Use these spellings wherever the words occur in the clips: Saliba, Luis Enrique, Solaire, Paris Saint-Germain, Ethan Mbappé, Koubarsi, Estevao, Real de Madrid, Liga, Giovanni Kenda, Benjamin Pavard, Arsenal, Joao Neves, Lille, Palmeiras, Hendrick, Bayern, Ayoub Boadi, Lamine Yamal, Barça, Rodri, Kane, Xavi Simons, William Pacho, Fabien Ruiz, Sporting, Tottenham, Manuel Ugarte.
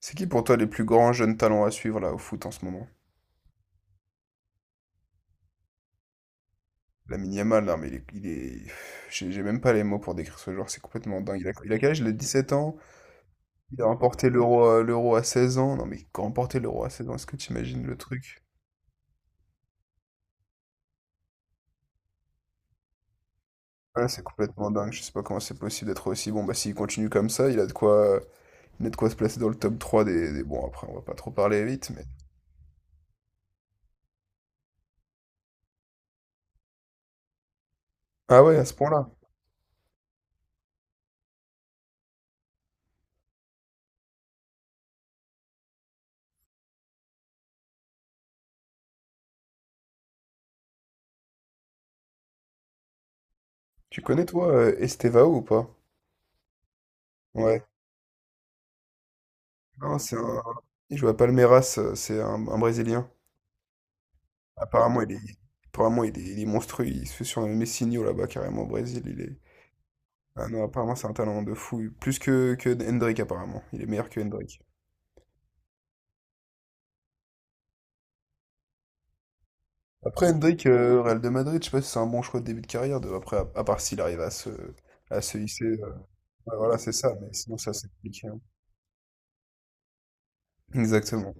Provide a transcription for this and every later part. C'est qui pour toi les plus grands jeunes talents à suivre là au foot en ce moment? Lamine Yamal, non mais J'ai même pas les mots pour décrire ce joueur, c'est complètement dingue. Il a quel âge? Il a 17 ans, il a remporté l'euro à 16 ans. Non mais remporter l'euro à 16 ans, est-ce que tu imagines le truc? Ouais, c'est complètement dingue, je sais pas comment c'est possible d'être aussi bon. Bah s'il continue comme ça, il a de quoi se placer dans le top 3 des. Bon après on va pas trop parler vite, mais... Ah ouais, à ce point-là. Tu connais toi Estevao ou pas? Ouais. Non, c'est un... Il joue à Palmeiras, c'est un Brésilien. Apparemment, il est monstrueux. Il se fait sur un Messinho là-bas, carrément au Brésil. Il est... Ah non, apparemment, c'est un talent de fou. Plus que Hendrick, apparemment. Il est meilleur que Hendrick. Après, Hendrick, Real de Madrid, je sais pas si c'est un bon choix de début de carrière. De... Après, à part s'il arrive à se hisser. Ouais, voilà, c'est ça. Mais sinon, ça, c'est compliqué, hein. Exactement.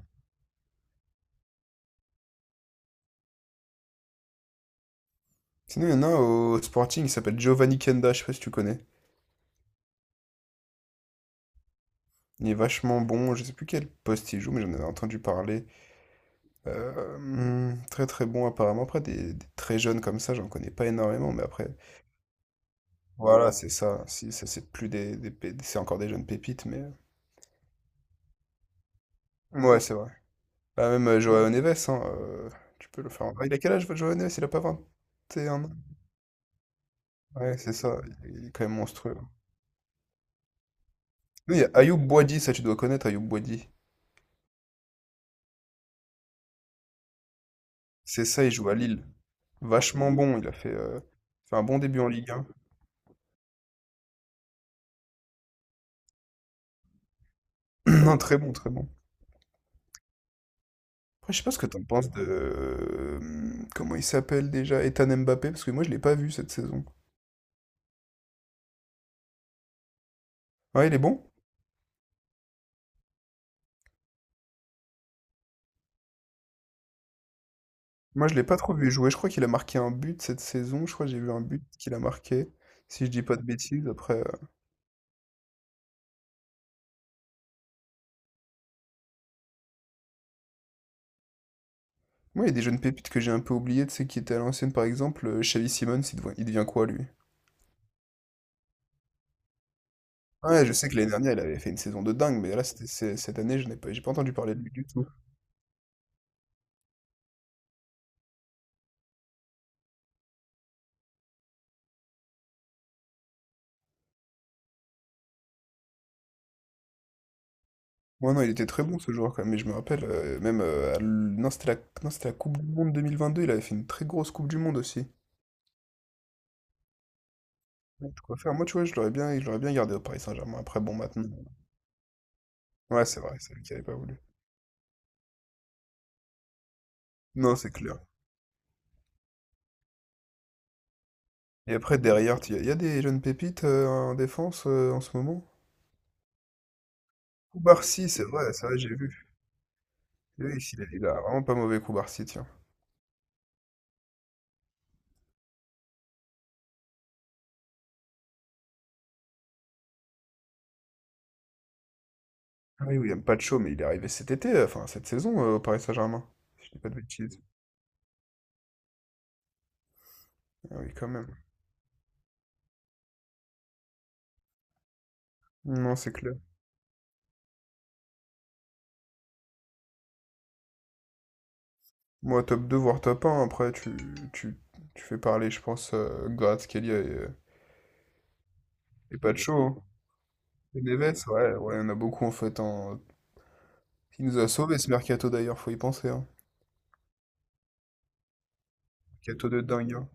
Sinon, il y en a au Sporting, il s'appelle Giovanni Kenda. Je sais pas si tu connais. Il est vachement bon. Je sais plus quel poste il joue, mais j'en avais entendu parler. Mmh, Très, très bon apparemment. Après des très jeunes comme ça, j'en connais pas énormément, mais après voilà. Ouais. C'est ça. Si, ça c'est plus des pé c'est encore des jeunes pépites, mais mouais. Mmh. C'est vrai. Bah, même, ouais. Joao Neves, hein, tu peux le faire en Ah, il a quel âge, Joao Neves? Il a pas 21 ans? Ouais, c'est ça, il est quand même monstrueux, hein. Oui, il y a Ayoub Boadi, ça tu dois connaître Ayoub Boadi. C'est ça, il joue à Lille. Vachement bon, il a fait un bon début en Ligue 1 Non, très bon, très bon. Après je sais pas ce que t'en penses de... Comment il s'appelle déjà? Ethan Mbappé, parce que moi je l'ai pas vu cette saison. Ouais, il est bon? Moi je l'ai pas trop vu jouer, je crois qu'il a marqué un but cette saison, je crois que j'ai vu un but qu'il a marqué, si je dis pas de bêtises, après... Moi il y a des jeunes pépites que j'ai un peu oubliées, tu sais, qui étaient à l'ancienne par exemple, Xavi Simons, il devient quoi lui? Ouais, je sais que l'année dernière il avait fait une saison de dingue, mais là cette année je n'ai pas... j'ai pas entendu parler de lui du tout. Ouais, non, il était très bon ce joueur quand même, mais je me rappelle, même, non, c'était la... non, c'était la Coupe du Monde 2022, il avait fait une très grosse Coupe du Monde aussi. Ouais, de quoi faire. Moi, tu vois, je l'aurais bien gardé au Paris Saint-Germain. Après, bon, maintenant. Ouais, c'est vrai, c'est lui qui avait pas voulu. Non, c'est clair. Et après, derrière, il y a des jeunes pépites en défense en ce moment. Koubarsi, c'est vrai, ça, j'ai vu. Oui, il a vraiment pas mauvais Koubarsi, tiens. Ah oui, William Pacho, mais il est arrivé cet été, enfin cette saison au Paris Saint-Germain. Je dis pas de bêtises. Ah oui, quand même. Non, c'est clair. Moi, top 2 voire top un après, tu, tu fais parler, je pense, Gratz, Kelia et il Pacho. Beaucoup. Et Neves, ouais, ouais, il y en a beaucoup, en fait, hein. Il nous a sauvés, ce mercato, d'ailleurs, faut y penser. Hein. Mercato de dingue, hein.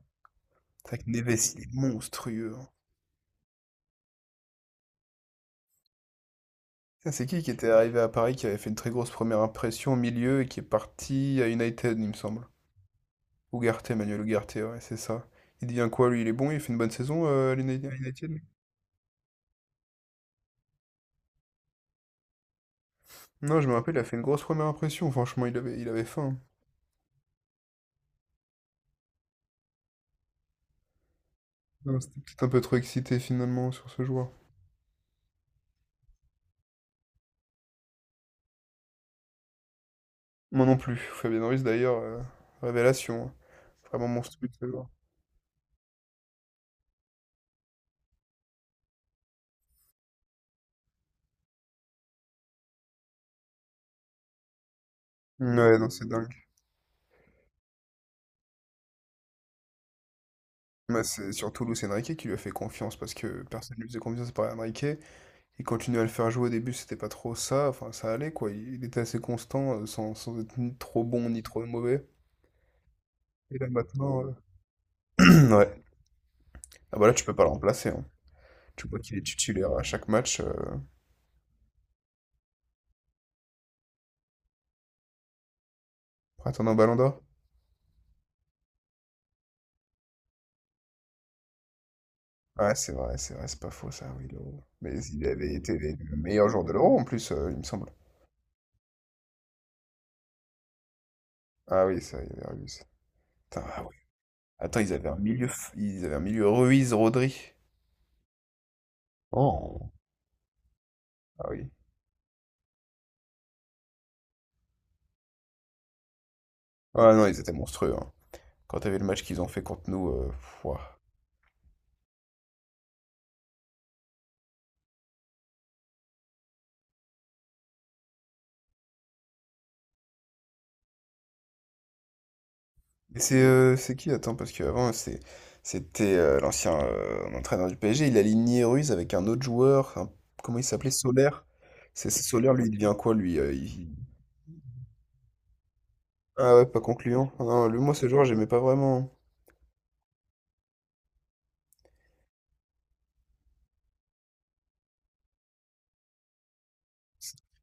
C'est vrai que Neves, il est monstrueux, hein. Ça, c'est qui était arrivé à Paris, qui avait fait une très grosse première impression au milieu et qui est parti à United, il me semble. Ugarte, Manuel Ugarte, ouais, c'est ça. Il devient quoi, lui? Il est bon, il fait une bonne saison à United? Non, je me rappelle, il a fait une grosse première impression. Franchement, il avait faim, hein. Non, c'était peut-être un peu trop excité finalement sur ce joueur. Moi non plus. Fabien Ruiz d'ailleurs, révélation, hein. Vraiment monstrueux ce joueur. Ouais, non, c'est dingue. Bah, c'est surtout Luis Enrique qui lui a fait confiance parce que personne ne lui faisait confiance à part Enrique. Il continuait à le faire jouer au début, c'était pas trop ça, enfin ça allait quoi. Il était assez constant, sans être ni trop bon ni trop mauvais. Et là maintenant, ouais. Ah bah là tu peux pas le remplacer, hein. Tu vois qu'il est titulaire à chaque match, pour atteindre un ballon d'or. Ouais, c'est vrai, c'est vrai, c'est pas faux ça, oui, l'Euro. Mais il avait été le meilleur joueur de l'Euro en plus, il me semble. Ah oui, ça, il avait Ruiz. Putain, ah oui. Attends, ils avaient un milieu Ruiz, Rodri. Oh. Ah oui. Ah non, ils étaient monstrueux, hein. Quand t'avais le match qu'ils ont fait contre nous, pff, ouah. Et c'est qui? Attends, parce qu'avant, c'était l'ancien entraîneur du PSG, il a aligné Ruiz avec un autre joueur, comment il s'appelait? Solaire. C'est Solaire, lui, il devient quoi, lui? Il Ah ouais, pas concluant. Ah non, lui, moi, ce joueur, j'aimais pas vraiment, hein.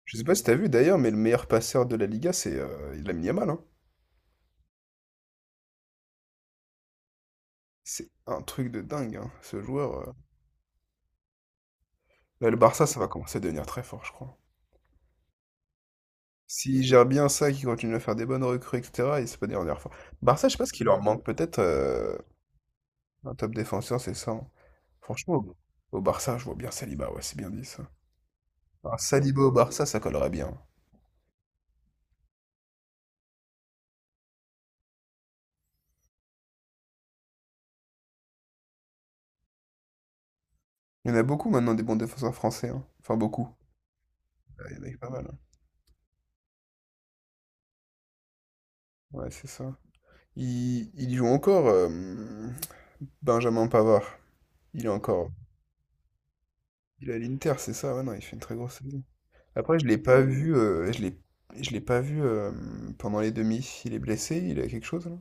Je sais pas si t'as vu d'ailleurs, mais le meilleur passeur de la Liga, c'est Lamine Yamal, hein. C'est un truc de dingue, hein, ce joueur. Là, le Barça, ça va commencer à devenir très fort, je crois. S'il gère bien ça, qu'il continue à faire des bonnes recrues, etc., il se peut devenir fort. Barça, je sais pas ce qu'il leur manque, peut-être un top défenseur, c'est ça, hein. Franchement, au Barça, je vois bien Saliba, ouais, c'est bien dit ça. Un Saliba au Barça, ça collerait bien. Il y en a beaucoup maintenant des bons défenseurs français, hein. Enfin, beaucoup. Ouais, il y en a pas mal, hein. Ouais, c'est ça. Il joue encore, Benjamin Pavard. Il est encore. Il est à l'Inter, c'est ça? Ouais, non, il fait une très grosse saison. Après, je l'ai pas vu. Je l'ai pas vu pendant les demi. Il est blessé. Il a quelque chose là.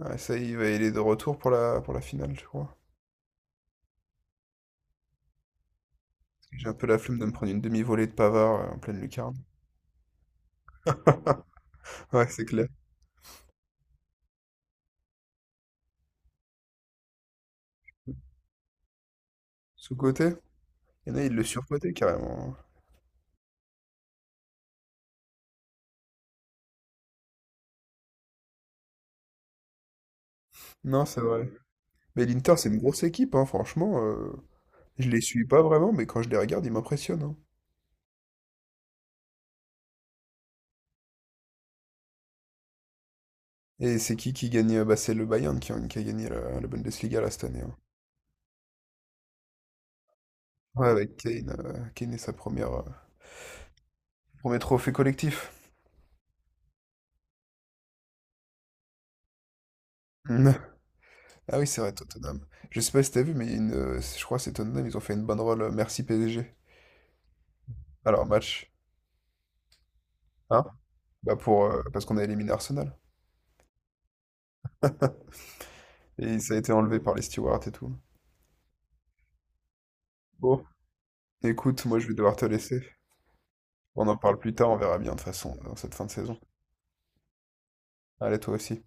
Ah, ça, il est de retour pour la finale, je crois. Parce que j'ai un peu la flemme de me prendre une demi-volée de Pavard en pleine lucarne. Ouais, c'est clair. Sous-côté? Il y en a, ils le surcotaient carrément, hein. Non, c'est vrai. Mais l'Inter, c'est une grosse équipe, hein, franchement. Je les suis pas vraiment, mais quand je les regarde, ils m'impressionnent, hein. Et c'est qui gagne? Bah, c'est le Bayern qui a gagné la Bundesliga là, cette année, hein. Ouais, avec Kane, Kane et premier trophée collectif. Mm. Ah oui, c'est vrai, Tottenham. Je sais pas si t'as vu, mais il y a je crois que c'est Tottenham, ils ont fait une banderole Merci PSG. Alors, match. Hein? Bah parce qu'on a éliminé Arsenal. Et ça a été enlevé par les stewards et tout. Bon, écoute, moi je vais devoir te laisser. On en parle plus tard, on verra bien de toute façon dans cette fin de saison. Allez, toi aussi.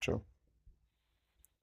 Ciao.